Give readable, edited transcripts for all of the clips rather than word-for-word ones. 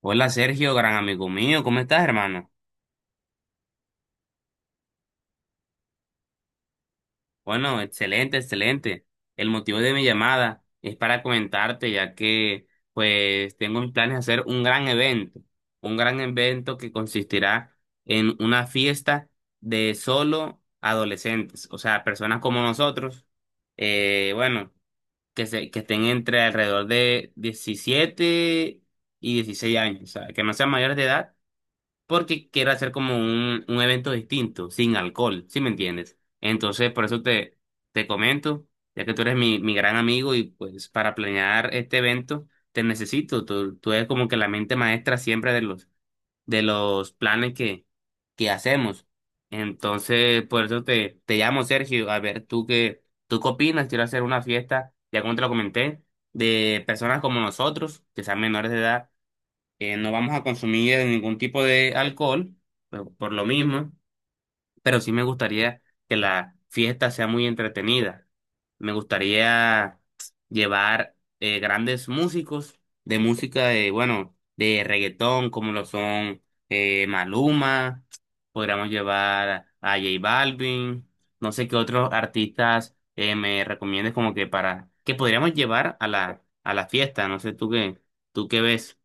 Hola Sergio, gran amigo mío, ¿cómo estás, hermano? Bueno, excelente, excelente. El motivo de mi llamada es para comentarte, ya que pues tengo mis planes de hacer un gran evento que consistirá en una fiesta de solo adolescentes, o sea, personas como nosotros, bueno, que estén entre alrededor de 17 y 16 años, o sea, que no sean mayores de edad porque quiero hacer como un evento distinto, sin alcohol, ¿sí me entiendes? Entonces, te comento, ya que tú eres mi gran amigo y pues para planear este evento te necesito, tú eres como que la mente maestra siempre de de los planes que hacemos. Entonces, te llamo, Sergio, a ver, tú qué opinas, quiero hacer una fiesta, ya como te lo comenté, de personas como nosotros, que sean menores de edad no vamos a consumir ningún tipo de alcohol, por lo mismo, pero sí me gustaría que la fiesta sea muy entretenida. Me gustaría llevar grandes músicos de música de, bueno, de reggaetón, como lo son Maluma, podríamos llevar a J Balvin, no sé qué otros artistas me recomiendes como que que podríamos llevar a a la fiesta, no sé tú qué ves.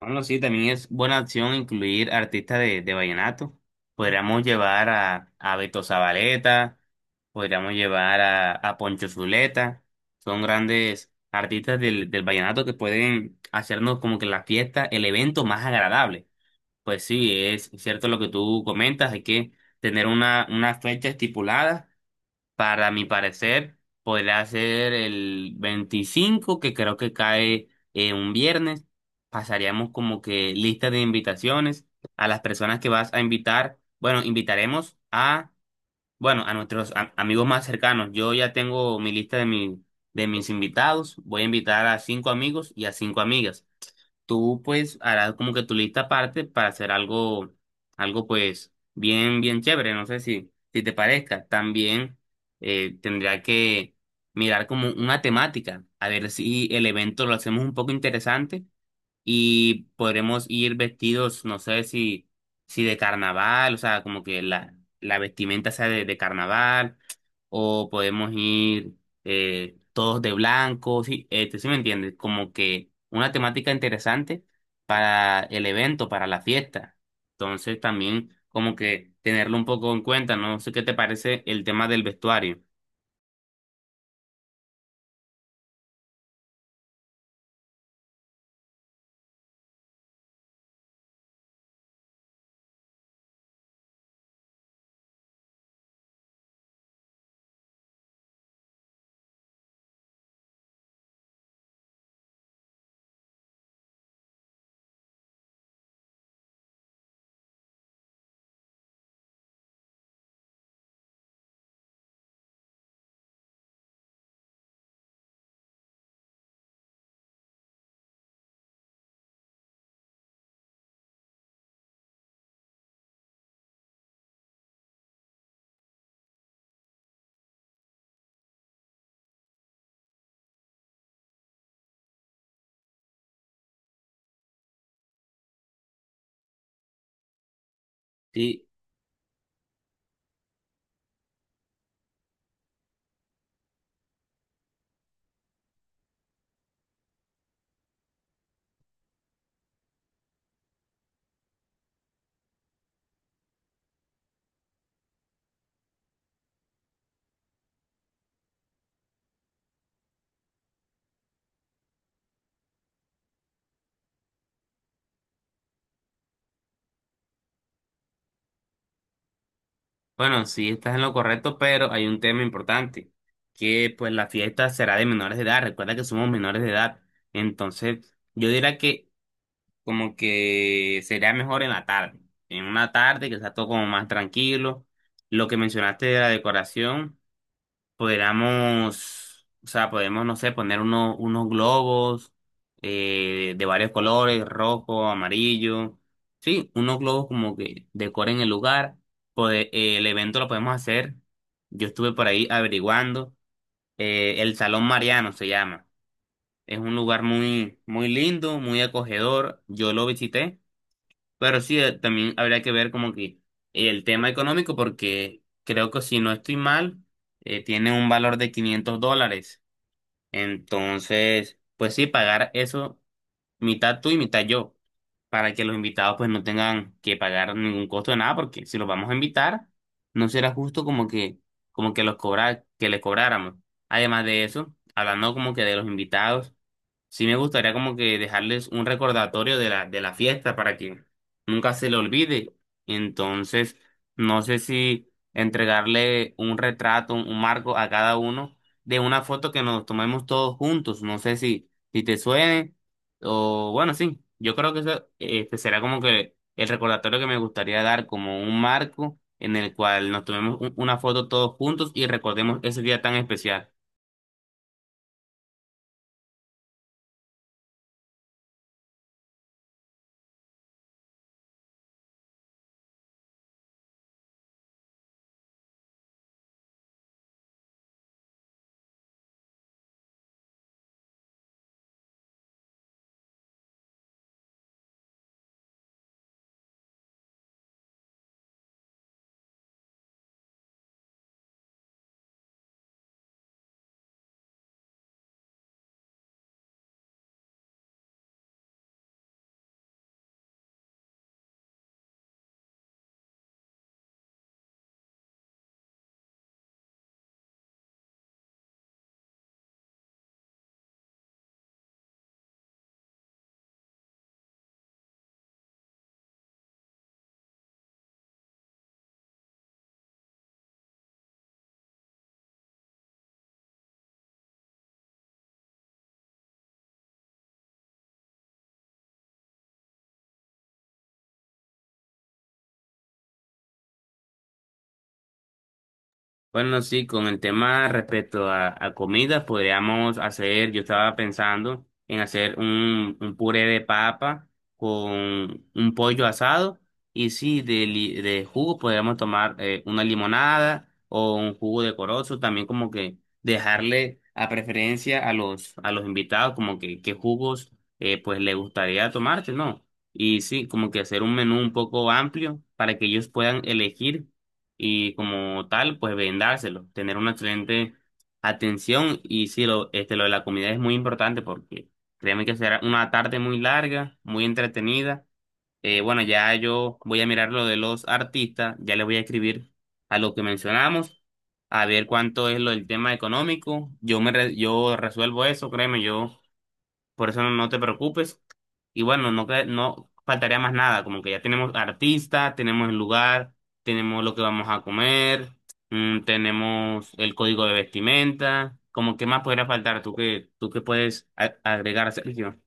Bueno, sí, también es buena opción incluir artistas de vallenato. Podríamos llevar a Beto Zabaleta, podríamos llevar a Poncho Zuleta. Son grandes artistas del vallenato que pueden hacernos como que la fiesta, el evento más agradable. Pues sí, es cierto lo que tú comentas, hay que tener una fecha estipulada para mi parecer, podría ser el 25, que creo que cae un viernes. Pasaríamos como que lista de invitaciones a las personas que vas a invitar. Bueno, invitaremos a, bueno, a nuestros amigos más cercanos. Yo ya tengo mi lista de mis invitados. Voy a invitar a cinco amigos y a cinco amigas, tú pues harás como que tu lista aparte para hacer algo, algo pues bien chévere, no sé si te parezca. También tendría que mirar como una temática, a ver si el evento lo hacemos un poco interesante y podremos ir vestidos, no sé si de carnaval, o sea, como que la vestimenta sea de carnaval, o podemos ir todos de blanco, sí, este, sí me entiendes, como que una temática interesante para el evento, para la fiesta. Entonces también como que tenerlo un poco en cuenta, no sé qué te parece el tema del vestuario. Sí. Bueno, sí, estás en lo correcto, pero hay un tema importante, que pues la fiesta será de menores de edad. Recuerda que somos menores de edad. Entonces, yo diría que como que sería mejor en la tarde, en una tarde que sea todo como más tranquilo. Lo que mencionaste de la decoración. Podríamos, o sea, podemos, no sé, poner unos globos de varios colores, rojo, amarillo. Sí, unos globos como que decoren el lugar. El evento lo podemos hacer. Yo estuve por ahí averiguando. El Salón Mariano se llama. Es un lugar muy lindo, muy acogedor. Yo lo visité. Pero sí, también habría que ver como que el tema económico, porque creo que si no estoy mal, tiene un valor de 500 dólares. Entonces, pues sí, pagar eso mitad tú y mitad yo, para que los invitados pues no tengan que pagar ningún costo de nada, porque si los vamos a invitar, no será justo como que los cobrar, que les cobráramos. Además de eso, hablando como que de los invitados. Sí me gustaría como que dejarles un recordatorio de de la fiesta para que nunca se le olvide. Entonces, no sé si entregarle un retrato, un marco a cada uno de una foto que nos tomemos todos juntos. No sé si te suene o bueno, sí, yo creo que eso, este será como que el recordatorio que me gustaría dar como un marco en el cual nos tomemos una foto todos juntos y recordemos ese día tan especial. Bueno, sí, con el tema respecto a comidas, podríamos hacer, yo estaba pensando en hacer un puré de papa con un pollo asado y sí, de jugo podríamos tomar una limonada o un jugo de corozo, también como que dejarle a preferencia a a los invitados como que qué jugos pues le gustaría tomarte, ¿no? Y sí, como que hacer un menú un poco amplio para que ellos puedan elegir y como tal, pues vendárselo, tener una excelente atención y sí, lo, este, lo de la comida es muy importante porque créeme que será una tarde muy larga, muy entretenida. Bueno, ya yo voy a mirar lo de los artistas, ya le voy a escribir a lo que mencionamos, a ver cuánto es lo del tema económico. Yo resuelvo eso, créeme, yo por eso no te preocupes. Y bueno, no, no faltaría más nada, como que ya tenemos artista, tenemos el lugar, tenemos lo que vamos a comer, tenemos el código de vestimenta, como que más podría faltar, tú que puedes agregar, Sergio.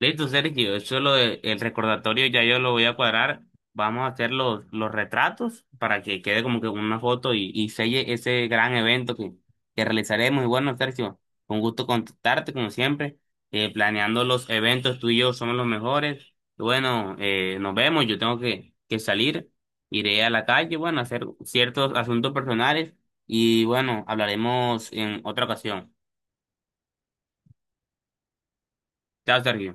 Listo, Sergio, eso es el recordatorio, ya yo lo voy a cuadrar. Vamos a hacer los retratos para que quede como que una foto y selle ese gran evento que realizaremos. Y bueno, Sergio, un gusto contactarte como siempre, planeando los eventos, tú y yo somos los mejores. Y bueno, nos vemos, yo tengo que salir, iré a la calle, bueno, a hacer ciertos asuntos personales y bueno, hablaremos en otra ocasión. Chao, Sergio.